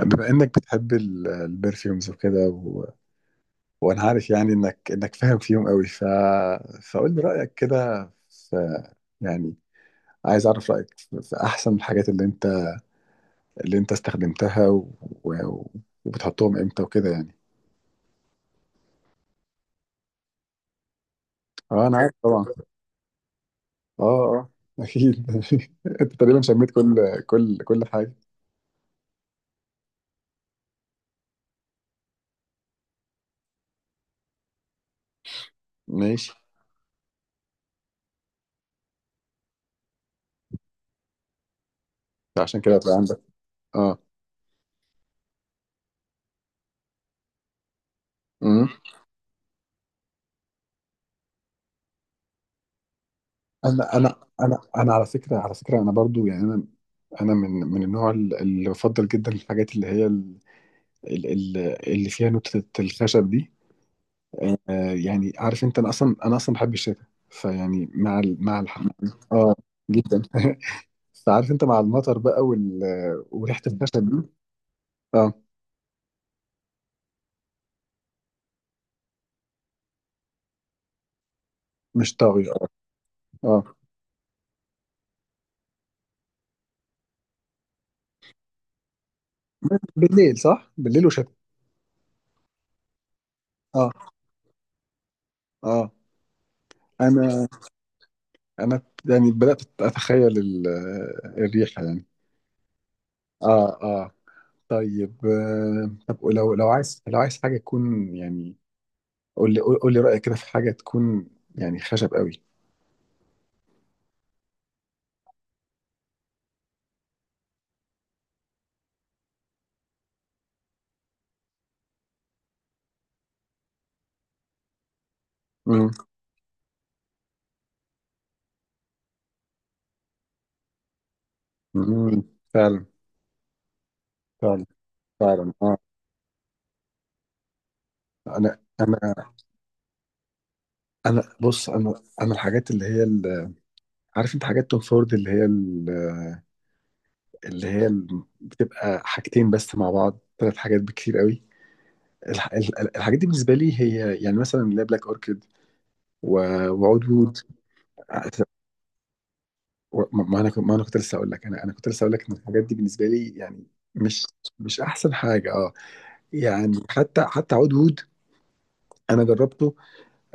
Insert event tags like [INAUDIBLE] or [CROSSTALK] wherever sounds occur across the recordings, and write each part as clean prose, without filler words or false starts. بما انك بتحب البرفيومز وكده وانا عارف، يعني انك فاهم فيهم قوي، فقول لي رايك كده في، يعني عايز اعرف رايك في احسن الحاجات اللي انت، استخدمتها و... وبتحطهم امتى وكده، يعني. اه، انا عارف طبعا. اه، اه، اكيد [LAUGHS] انت تقريبا شميت كل حاجه، ماشي. عشان كده هتبقى عندك، اه. إمم. انا انا انا انا، على فكره، انا برضو، يعني انا من النوع اللي بفضل جدا الحاجات اللي هي ال- ال- اللي فيها نوتة الخشب دي. يعني عارف انت، انا اصلا بحب الشتاء، فيعني مع ال... مع الح... اه، جدا [LAUGHS] فعارف انت، مع المطر بقى وريحه الخشب دي، اه. مش طاغيه، اه. آه. بالليل، صح، بالليل وشتاء. اه، اه، انا انا، يعني بدات اتخيل الريحه، يعني. اه، اه. طيب، طب لو عايز حاجة تكون، يعني قول لي رأيك كده في حاجة تكون، يعني، خشب قوي. مم. مم. فعلا. فعلا، فعلا، اه. انا انا انا بص، انا الحاجات اللي هي عارف انت حاجات توم فورد، بتبقى حاجتين بس مع بعض، ثلاث حاجات بكتير قوي. الحاجات دي بالنسبة لي هي، يعني مثلا، اللي هي بلاك اوركيد وعود وود. ما انا كنت لسه اقول لك، ان الحاجات دي بالنسبه لي، يعني، مش مش احسن حاجه، اه. يعني حتى عود وود، انا جربته،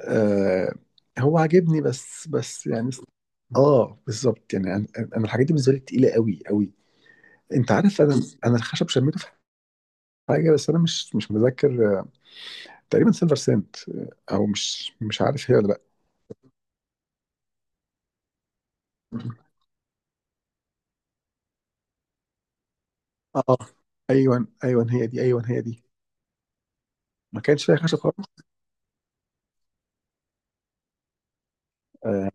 آه، هو عاجبني، بس يعني، اه، بالظبط. يعني انا الحاجات دي بالنسبه لي تقيله قوي قوي. انت عارف، انا الخشب شميته في حاجه، بس انا مش متذكر، تقريبا سيلفر سنت، او مش عارف هي ولا لا. اه، ايوه، ايوه، هي دي، ايوه هي دي. ما كانش فيها خشب خالص. آه،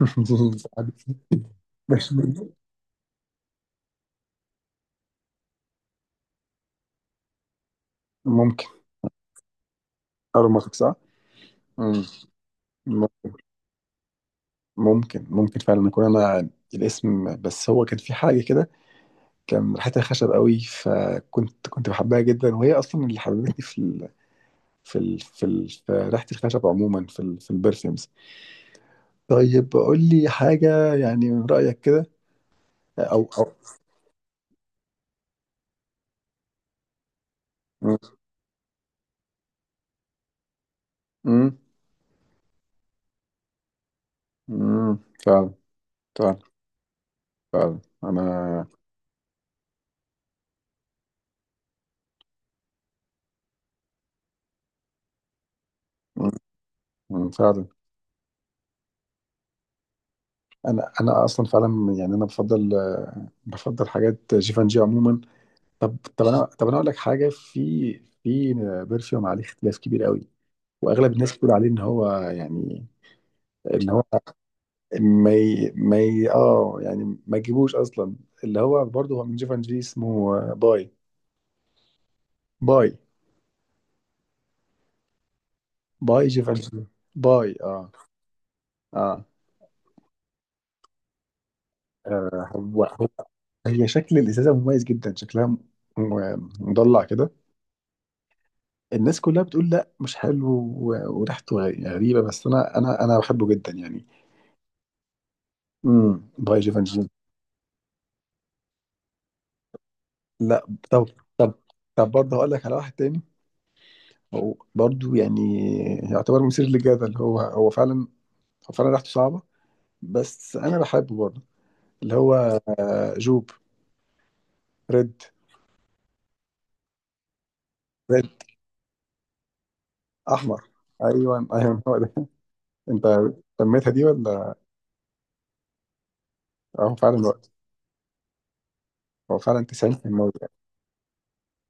[LAUGHS] عادي. مش ممكن ارمخ، صح؟ مم. م- ممكن فعلا اكون انا الاسم، بس هو كان في حاجه كده، كان ريحتها خشب قوي، فكنت بحبها جدا، وهي اصلا اللي حببتني في في ريحه الخشب عموما، في في البرفيومز. طيب قول لي حاجه، يعني، من رايك كده. او. مم. مم. مم. فعلا، فعلا، فعلا، انا. مم. مم. فعلا. انا اصلا فعلا، يعني انا بفضل حاجات جيفانجي عموما. طب انا اقول لك حاجه، في، في برفيوم عليه اختلاف كبير قوي، واغلب الناس بتقول عليه ان هو، يعني ان هو ما ي... ما ي... اه يعني ما تجيبوش اصلا. اللي هو برضه، هو من جيفانجي، اسمه باي. باي. باي جيفانجي. باي، اه. اه، آه، هو هو- هي شكل الازازه مميز جدا، شكلها مضلع كده. الناس كلها بتقول لا مش حلو، و- وريحته غ- غريبه، بس انا بحبه جدا، يعني. باي جيفنجي، لا. طب، طب برضه هقول لك على واحد تاني. هو برضه، يعني، يعتبر مثير للجدل. هو فعلا، هو فعلا ريحته صعبه، بس انا بحبه برضه. اللي هو جوب ريد، ريد، احمر، ايوه، ايوه هو ده [LAUGHS] انت سميتها دي ولا؟ هو فعلا، هو فعلا 90%،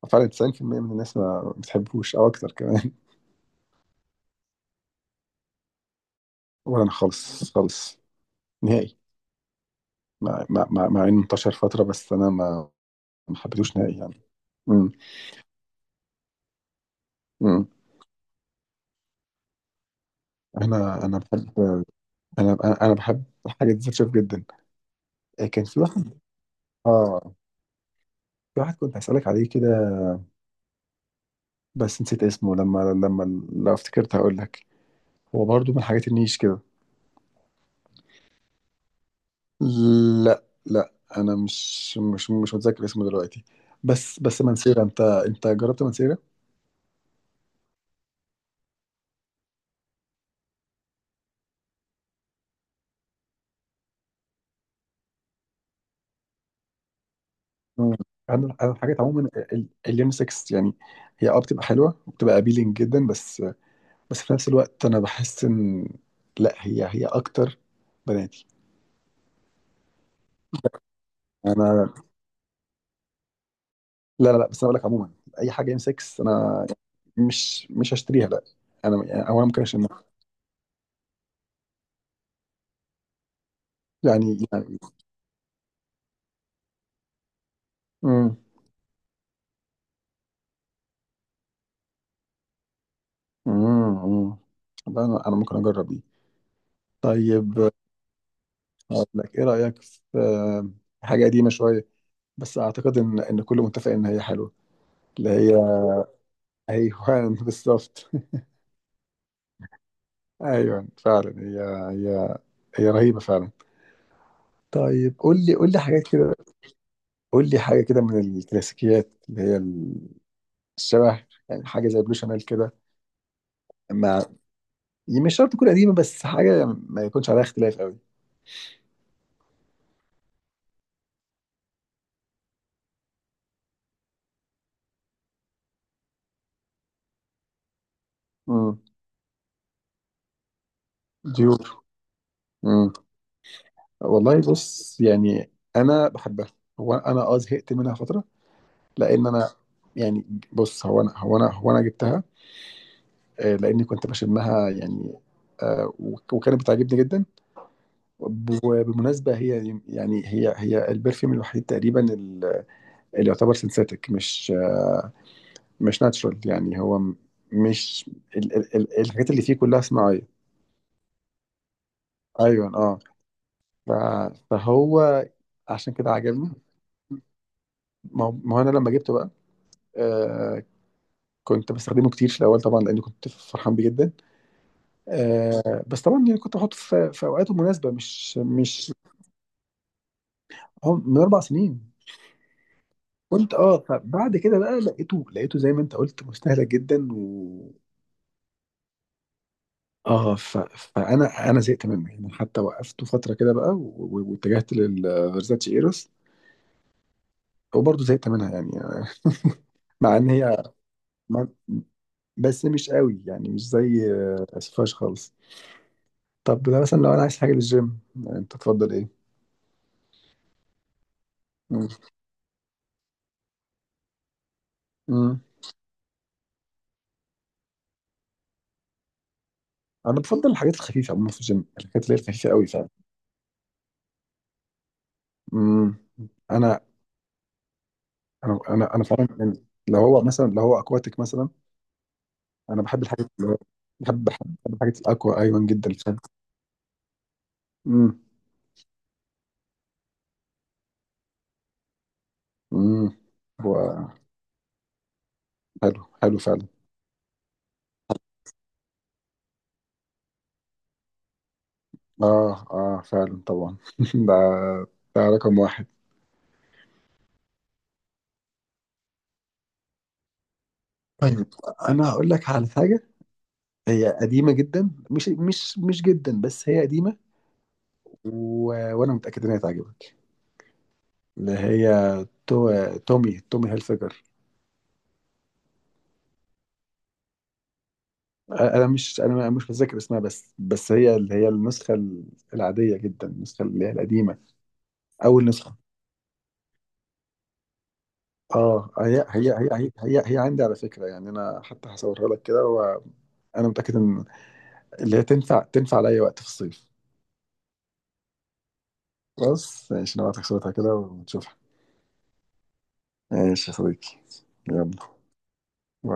هو فعلا 90% من الناس ما بتحبوش او اكتر كمان. ولا انا خالص خالص نهائي. مع انه انتشر فتره، بس انا ما حبيتهوش نهائي، يعني. امم. امم انا انا بحب، انا انا أنا بحب حاجه ديزرت شيف جدا. كان في واحد، اه، في واحد كنت هسألك عليه كده، بس نسيت اسمه، لما لما لو افتكرت هقول لك. هو برضو من الحاجات النيش كده. لا، لا، انا مش متذكر اسمه دلوقتي، بس بس منسيرة، انت جربت منسيرة؟ مم. انا الحاجات عموما اليونيسكس، يعني هي، بتبقى حلوه وبتبقى ابيلينج جدا، بس بس في نفس الوقت انا بحس ان، لا، هي اكتر بناتي. انا، لا، لا، لا، بس انا بقول لك عموما، اي حاجه يونيسكس انا مش هشتريها، لا. انا، يعني، اولا ممكن اشمها، يعني، امم. امم لا، انا ممكن اجرب دي. طيب اقول لك ايه رايك في، حاجه قديمه شويه، بس اعتقد ان كله متفق ان هي حلوه. اللي هي، ايوه [LAUGHS] بالظبط. ايوه فعلا، هي هي رهيبه فعلا. طيب قول لي حاجات كده، قول لي حاجه كده من الكلاسيكيات اللي هي الشبه، يعني حاجه زي بلو شانيل كده، مع مش شرط تكون قديمه، بس حاجه ما يكونش عليها اختلاف قوي. امم، ديور، امم. والله، بص، يعني انا بحبها. هو انا، زهقت منها فتره، لان انا، يعني، بص، هو انا جبتها، لاني كنت بشمها، يعني، وكانت بتعجبني جدا. وبالمناسبة هي، يعني، هي البرفيوم الوحيد تقريبا، اللي يعتبر سينثيتك، مش ناتشرال، يعني هو م- مش ال ال ال الحاجات اللي فيه كلها صناعية. ايوه، اه، فهو عشان كده عجبني. ما هو انا لما جبته بقى، آه كنت بستخدمه كتير في الاول طبعا، لان كنت فرحان بيه جدا. بس طبعا، يعني، كنت بحطه في اوقاته مناسبة، مش مش هو من 4 سنين، كنت، فبعد كده بقى لقيته زي ما انت قلت مستهلك جدا. اه، فانا زهقت منه، يعني، حتى وقفته فتره كده بقى، واتجهت للفيرزاتشي ايروس وبرضه زهقت منها، يعني [LAUGHS] مع ان هي، ما... بس مش قوي، يعني مش زي، سفاش خالص. طب ده مثلا، لو انا عايز حاجه للجيم، انت تفضل ايه؟ مم. مم. انا بفضل الحاجات الخفيفه عموما في الجيم، الحاجات اللي هي الخفيفه قوي فعلا. مم. انا انا فعلا، يعني لو هو اكواتيك مثلا. انا بحب الحاجات اللي هو بحب الحاجات الاكوا ايوان جدا فعلا. مم. امم هو حلو، حلو فعلا. اه، اه فعلا طبعا [LAUGHS] ده ده رقم واحد. طيب انا هقول لك على حاجه، هي قديمه جدا، مش مش مش جدا، بس هي قديمه، و... وانا متاكد ان هي تعجبك. اللي هي تو... تومي تومي هيلفيجر. انا مش متذكر اسمها، بس بس هي اللي هي النسخه العاديه جدا، النسخه اللي هي القديمه، اول نسخه. اه، هي عندي، على فكره، يعني انا حتى هصورها لك كده، وانا متاكد ان اللي هي تنفع، لأي وقت في الصيف، بس ماشي، نبعتك صورتها كده ونشوفها. ماشي يا صديقي، يلا، باي.